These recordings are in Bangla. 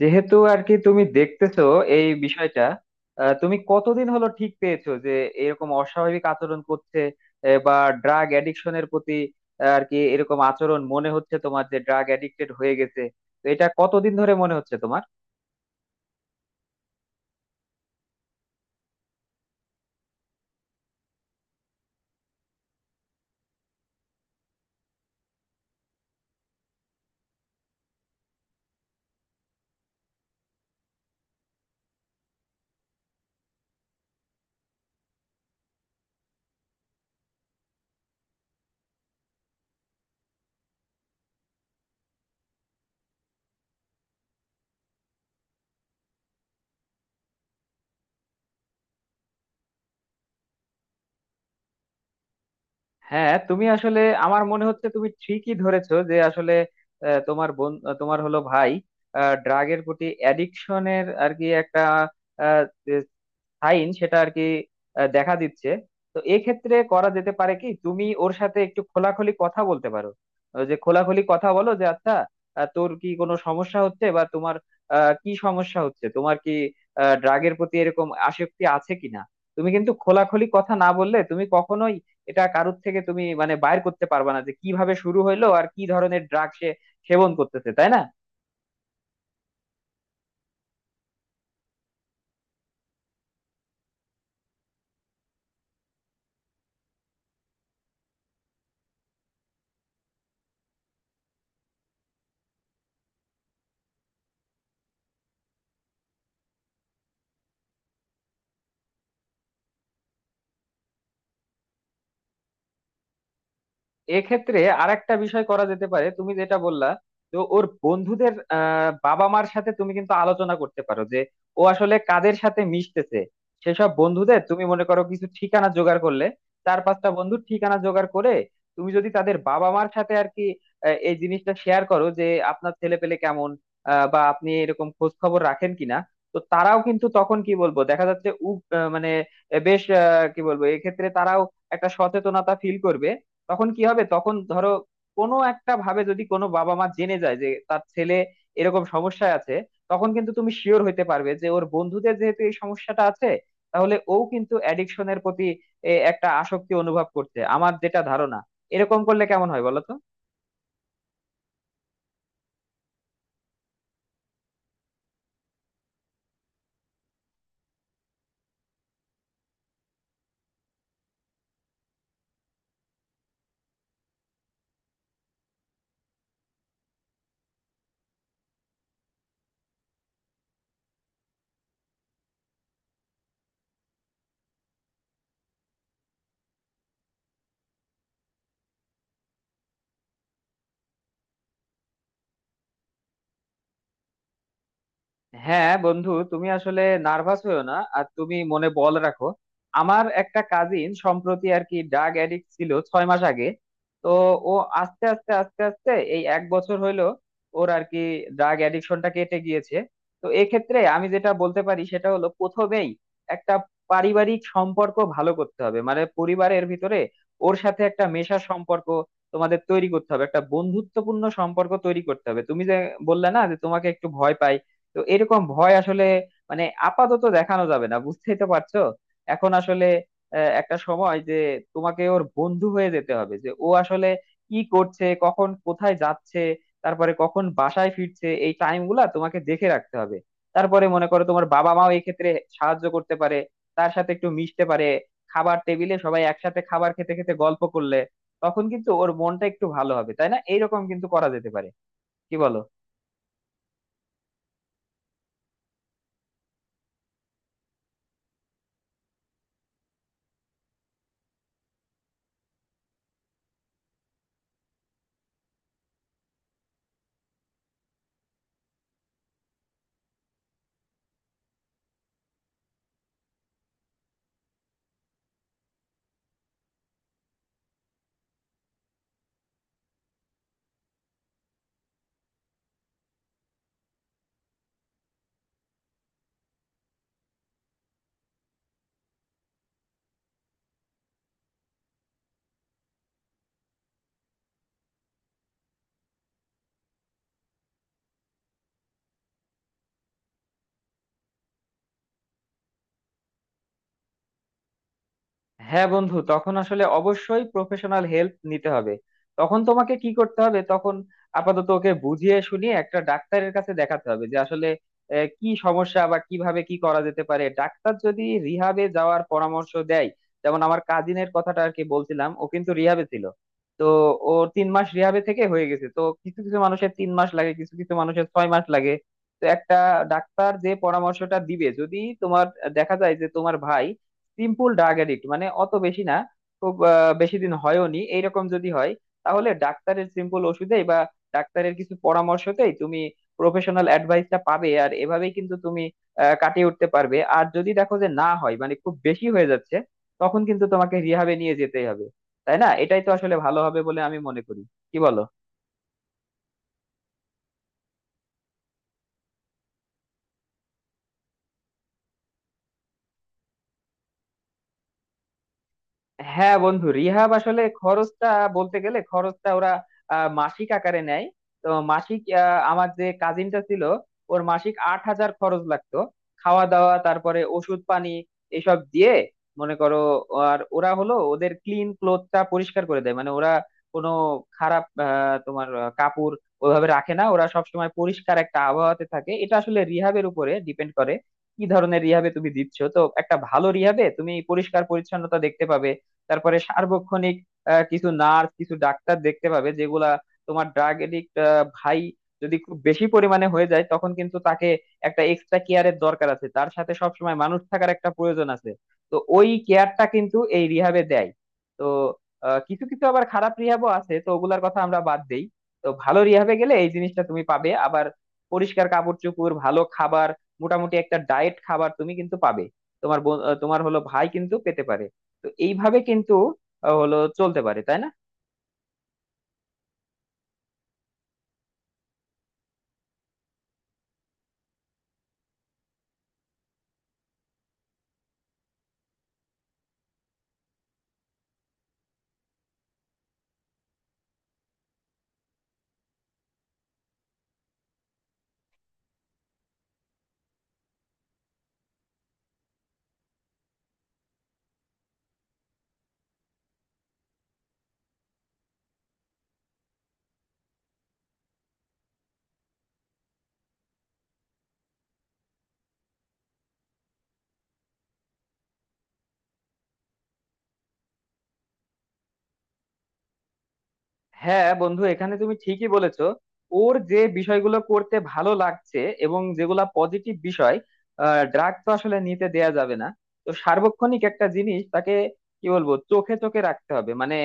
যেহেতু আর কি তুমি দেখতেছো এই বিষয়টা, তুমি কতদিন হলো ঠিক পেয়েছো যে এরকম অস্বাভাবিক আচরণ করছে? বা ড্রাগ অ্যাডিকশনের প্রতি, আর কি এরকম আচরণ মনে হচ্ছে তোমার যে ড্রাগ অ্যাডিক্টেড হয়ে গেছে? তো এটা কতদিন ধরে মনে হচ্ছে তোমার? হ্যাঁ, তুমি আসলে, আমার মনে হচ্ছে তুমি ঠিকই ধরেছো যে আসলে আহ, তোমার বোন আহ, তোমার হলো ভাই ড্রাগের প্রতি অ্যাডিকশনের আর কি একটা সাইন, সেটা আর কি দেখা দিচ্ছে। তো এক্ষেত্রে করা যেতে পারে কি, তুমি ওর সাথে একটু খোলাখুলি কথা বলতে পারো। ওই যে খোলাখুলি কথা বলো যে আচ্ছা, তোর কি কোনো সমস্যা হচ্ছে বা তোমার কি সমস্যা হচ্ছে, তোমার কি ড্রাগের প্রতি এরকম আসক্তি আছে কিনা। তুমি কিন্তু খোলাখুলি কথা না বললে তুমি কখনোই এটা কারোর থেকে তুমি মানে বাইর করতে পারবা না যে কিভাবে শুরু হইলো আর কি ধরনের ড্রাগ সে সেবন করতেছে, তাই না? এক্ষেত্রে আরেকটা বিষয় করা যেতে পারে, তুমি যেটা বললা। তো ওর বন্ধুদের বাবা মার সাথে তুমি কিন্তু আলোচনা করতে পারো যে ও আসলে কাদের সাথে মিশতেছে। সেসব বন্ধুদের তুমি মনে করো কিছু ঠিকানা জোগাড় করলে, চার পাঁচটা বন্ধুর ঠিকানা জোগাড় করে তুমি যদি তাদের বাবা মার সাথে আর কি এই জিনিসটা শেয়ার করো যে আপনার ছেলে পেলে কেমন, বা আপনি এরকম খোঁজ খবর রাখেন কিনা। তো তারাও কিন্তু তখন কি বলবো, দেখা যাচ্ছে মানে বেশ কি বলবো, এক্ষেত্রে তারাও একটা সচেতনতা ফিল করবে। তখন কি হবে, তখন ধরো কোনো একটা ভাবে যদি কোনো বাবা মা জেনে যায় যে তার ছেলে এরকম সমস্যায় আছে, তখন কিন্তু তুমি শিওর হইতে পারবে যে ওর বন্ধুদের যেহেতু এই সমস্যাটা আছে, তাহলে ও কিন্তু অ্যাডিকশনের প্রতি একটা আসক্তি অনুভব করছে, আমার যেটা ধারণা। এরকম করলে কেমন হয় বলো তো? হ্যাঁ বন্ধু, তুমি আসলে নার্ভাস হয়েও না, আর তুমি মনে বল রাখো। আমার একটা কাজিন সম্প্রতি আর কি ড্রাগ অ্যাডিক্ট ছিল 6 মাস আগে। তো ও আস্তে আস্তে আস্তে আস্তে এই 1 বছর হইলো ওর আর কি ড্রাগ অ্যাডিকশনটা কেটে গিয়েছে। তো এক্ষেত্রে আমি যেটা বলতে পারি সেটা হলো, প্রথমেই একটা পারিবারিক সম্পর্ক ভালো করতে হবে, মানে পরিবারের ভিতরে ওর সাথে একটা মেশার সম্পর্ক তোমাদের তৈরি করতে হবে, একটা বন্ধুত্বপূর্ণ সম্পর্ক তৈরি করতে হবে। তুমি যে বললে না যে তোমাকে একটু ভয় পাই, তো এরকম ভয় আসলে মানে আপাতত দেখানো যাবে না, বুঝতেই তো পারছো। এখন আসলে একটা সময় যে তোমাকে ওর বন্ধু হয়ে যেতে হবে যে ও আসলে কি করছে, কখন কোথায় যাচ্ছে, তারপরে কখন বাসায় ফিরছে, এই টাইম গুলা তোমাকে দেখে রাখতে হবে। তারপরে মনে করো তোমার বাবা মাও এই ক্ষেত্রে সাহায্য করতে পারে, তার সাথে একটু মিশতে পারে। খাবার টেবিলে সবাই একসাথে খাবার খেতে খেতে গল্প করলে তখন কিন্তু ওর মনটা একটু ভালো হবে, তাই না? এইরকম কিন্তু করা যেতে পারে, কি বলো? হ্যাঁ বন্ধু, তখন আসলে অবশ্যই প্রফেশনাল হেল্প নিতে হবে। তখন তোমাকে কি করতে হবে, তখন আপাতত ওকে বুঝিয়ে শুনিয়ে একটা ডাক্তারের কাছে দেখাতে হবে যে আসলে কি সমস্যা বা কিভাবে কি করা যেতে পারে। ডাক্তার যদি রিহাবে যাওয়ার পরামর্শ দেয়, যেমন আমার কাজিনের কথাটা আর কি বলছিলাম, ও কিন্তু রিহাবে ছিল। তো ও 3 মাস রিহাবে থেকে হয়ে গেছে। তো কিছু কিছু মানুষের 3 মাস লাগে, কিছু কিছু মানুষের 6 মাস লাগে। তো একটা ডাক্তার যে পরামর্শটা দিবে, যদি তোমার দেখা যায় যে তোমার ভাই সিম্পল ড্রাগ এডিক্ট, মানে অত বেশি না, খুব বেশি দিন হয়ওনি, এইরকম যদি হয়, তাহলে ডাক্তারের সিম্পল ওষুধেই বা ডাক্তারের কিছু পরামর্শতেই তুমি প্রফেশনাল অ্যাডভাইসটা পাবে, আর এভাবেই কিন্তু তুমি কাটিয়ে উঠতে পারবে। আর যদি দেখো যে না হয়, মানে খুব বেশি হয়ে যাচ্ছে, তখন কিন্তু তোমাকে রিহাবে নিয়ে যেতেই হবে, তাই না? এটাই তো আসলে ভালো হবে বলে আমি মনে করি, কি বলো? হ্যাঁ বন্ধু, রিহাব আসলে খরচটা, বলতে গেলে খরচটা ওরা মাসিক আকারে নেয়। তো মাসিক আমার যে কাজিনটা ছিল, ওর মাসিক 8,000 খরচ লাগতো, খাওয়া দাওয়া, তারপরে ওষুধ পানি, এসব দিয়ে, মনে করো। আর ওরা হলো ওদের ক্লিন ক্লোথটা পরিষ্কার করে দেয়, মানে ওরা কোনো খারাপ কাপড় ওইভাবে রাখে না, ওরা সবসময় পরিষ্কার একটা আবহাওয়াতে থাকে। এটা আসলে রিহাবের উপরে ডিপেন্ড করে কি ধরনের রিহাবে তুমি দিচ্ছ। তো একটা ভালো রিহাবে তুমি পরিষ্কার পরিচ্ছন্নতা দেখতে পাবে, তারপরে সার্বক্ষণিক কিছু নার্স কিছু ডাক্তার দেখতে পাবে, যেগুলা তোমার ড্রাগ এডিক্ট ভাই যদি খুব বেশি পরিমাণে হয়ে যায় তখন কিন্তু তাকে একটা এক্সট্রা কেয়ারের দরকার আছে, তার সাথে সবসময় মানুষ থাকার একটা প্রয়োজন আছে। তো ওই কেয়ারটা কিন্তু এই রিহাবে দেয়। তো কিছু কিছু আবার খারাপ রিহাবও আছে, তো ওগুলার কথা আমরা বাদ দেই। তো ভালো রিহাবে গেলে এই জিনিসটা তুমি পাবে। আবার পরিষ্কার কাপড় চোপড়, ভালো খাবার, মোটামুটি একটা ডায়েট খাবার তুমি কিন্তু পাবে। তোমার হলো ভাই কিন্তু পেতে পারে। তো এইভাবে কিন্তু হলো চলতে পারে, তাই না? হ্যাঁ বন্ধু, এখানে তুমি ঠিকই বলেছো। ওর যে বিষয়গুলো করতে ভালো লাগছে এবং যেগুলা পজিটিভ বিষয়, ড্রাগ তো আসলে নিতে দেয়া যাবে না। তো সার্বক্ষণিক একটা জিনিস, তাকে কি বলবো, চোখে চোখে রাখতে হবে, মানে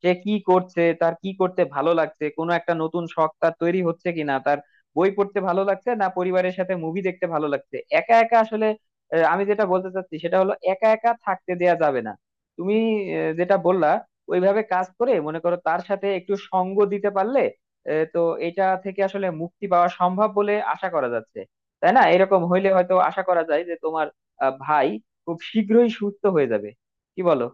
সে কি করছে, তার কি করতে ভালো লাগছে, কোনো একটা নতুন শখ তার তৈরি হচ্ছে কিনা, তার বই পড়তে ভালো লাগছে না পরিবারের সাথে মুভি দেখতে ভালো লাগছে। একা একা আসলে আমি যেটা বলতে চাচ্ছি সেটা হলো একা একা থাকতে দেয়া যাবে না। তুমি যেটা বললা ওইভাবে কাজ করে মনে করো, তার সাথে একটু সঙ্গ দিতে পারলে তো এটা থেকে আসলে মুক্তি পাওয়া সম্ভব বলে আশা করা যাচ্ছে, তাই না? এরকম হইলে হয়তো আশা করা যায় যে তোমার ভাই খুব শীঘ্রই সুস্থ হয়ে যাবে, কি বলো?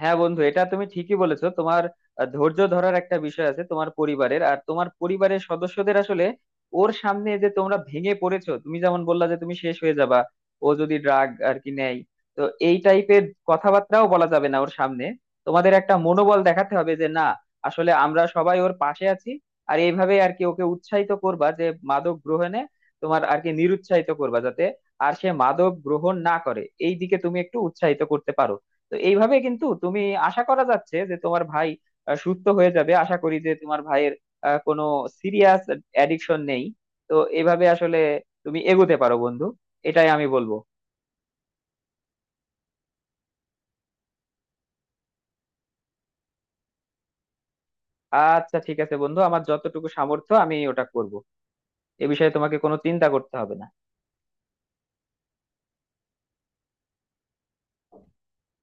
হ্যাঁ বন্ধু, এটা তুমি ঠিকই বলেছো। তোমার ধৈর্য ধরার একটা বিষয় আছে, তোমার পরিবারের আর তোমার পরিবারের সদস্যদের। আসলে ওর সামনে যে তোমরা ভেঙে পড়েছো, তুমি যেমন বললা যে তুমি শেষ হয়ে যাবা ও যদি ড্রাগ আর কি নেয়, তো এই টাইপের কথাবার্তাও বলা যাবে না ওর সামনে। তোমাদের একটা মনোবল দেখাতে হবে যে না, আসলে আমরা সবাই ওর পাশে আছি। আর এইভাবে আর কি ওকে উৎসাহিত করবা যে মাদক গ্রহণে তোমার আর কি নিরুৎসাহিত করবা, যাতে আর সে মাদক গ্রহণ না করে, এই দিকে তুমি একটু উৎসাহিত করতে পারো। তো এইভাবে কিন্তু তুমি, আশা করা যাচ্ছে যে তোমার ভাই সুস্থ হয়ে যাবে। আশা করি যে তোমার ভাইয়ের কোনো সিরিয়াস অ্যাডিকশন নেই। তো এইভাবে আসলে তুমি এগোতে পারো বন্ধু, এটাই আমি বলবো। আচ্ছা ঠিক আছে বন্ধু, আমার যতটুকু সামর্থ্য আমি ওটা করব। এ বিষয়ে তোমাকে কোনো চিন্তা করতে হবে না।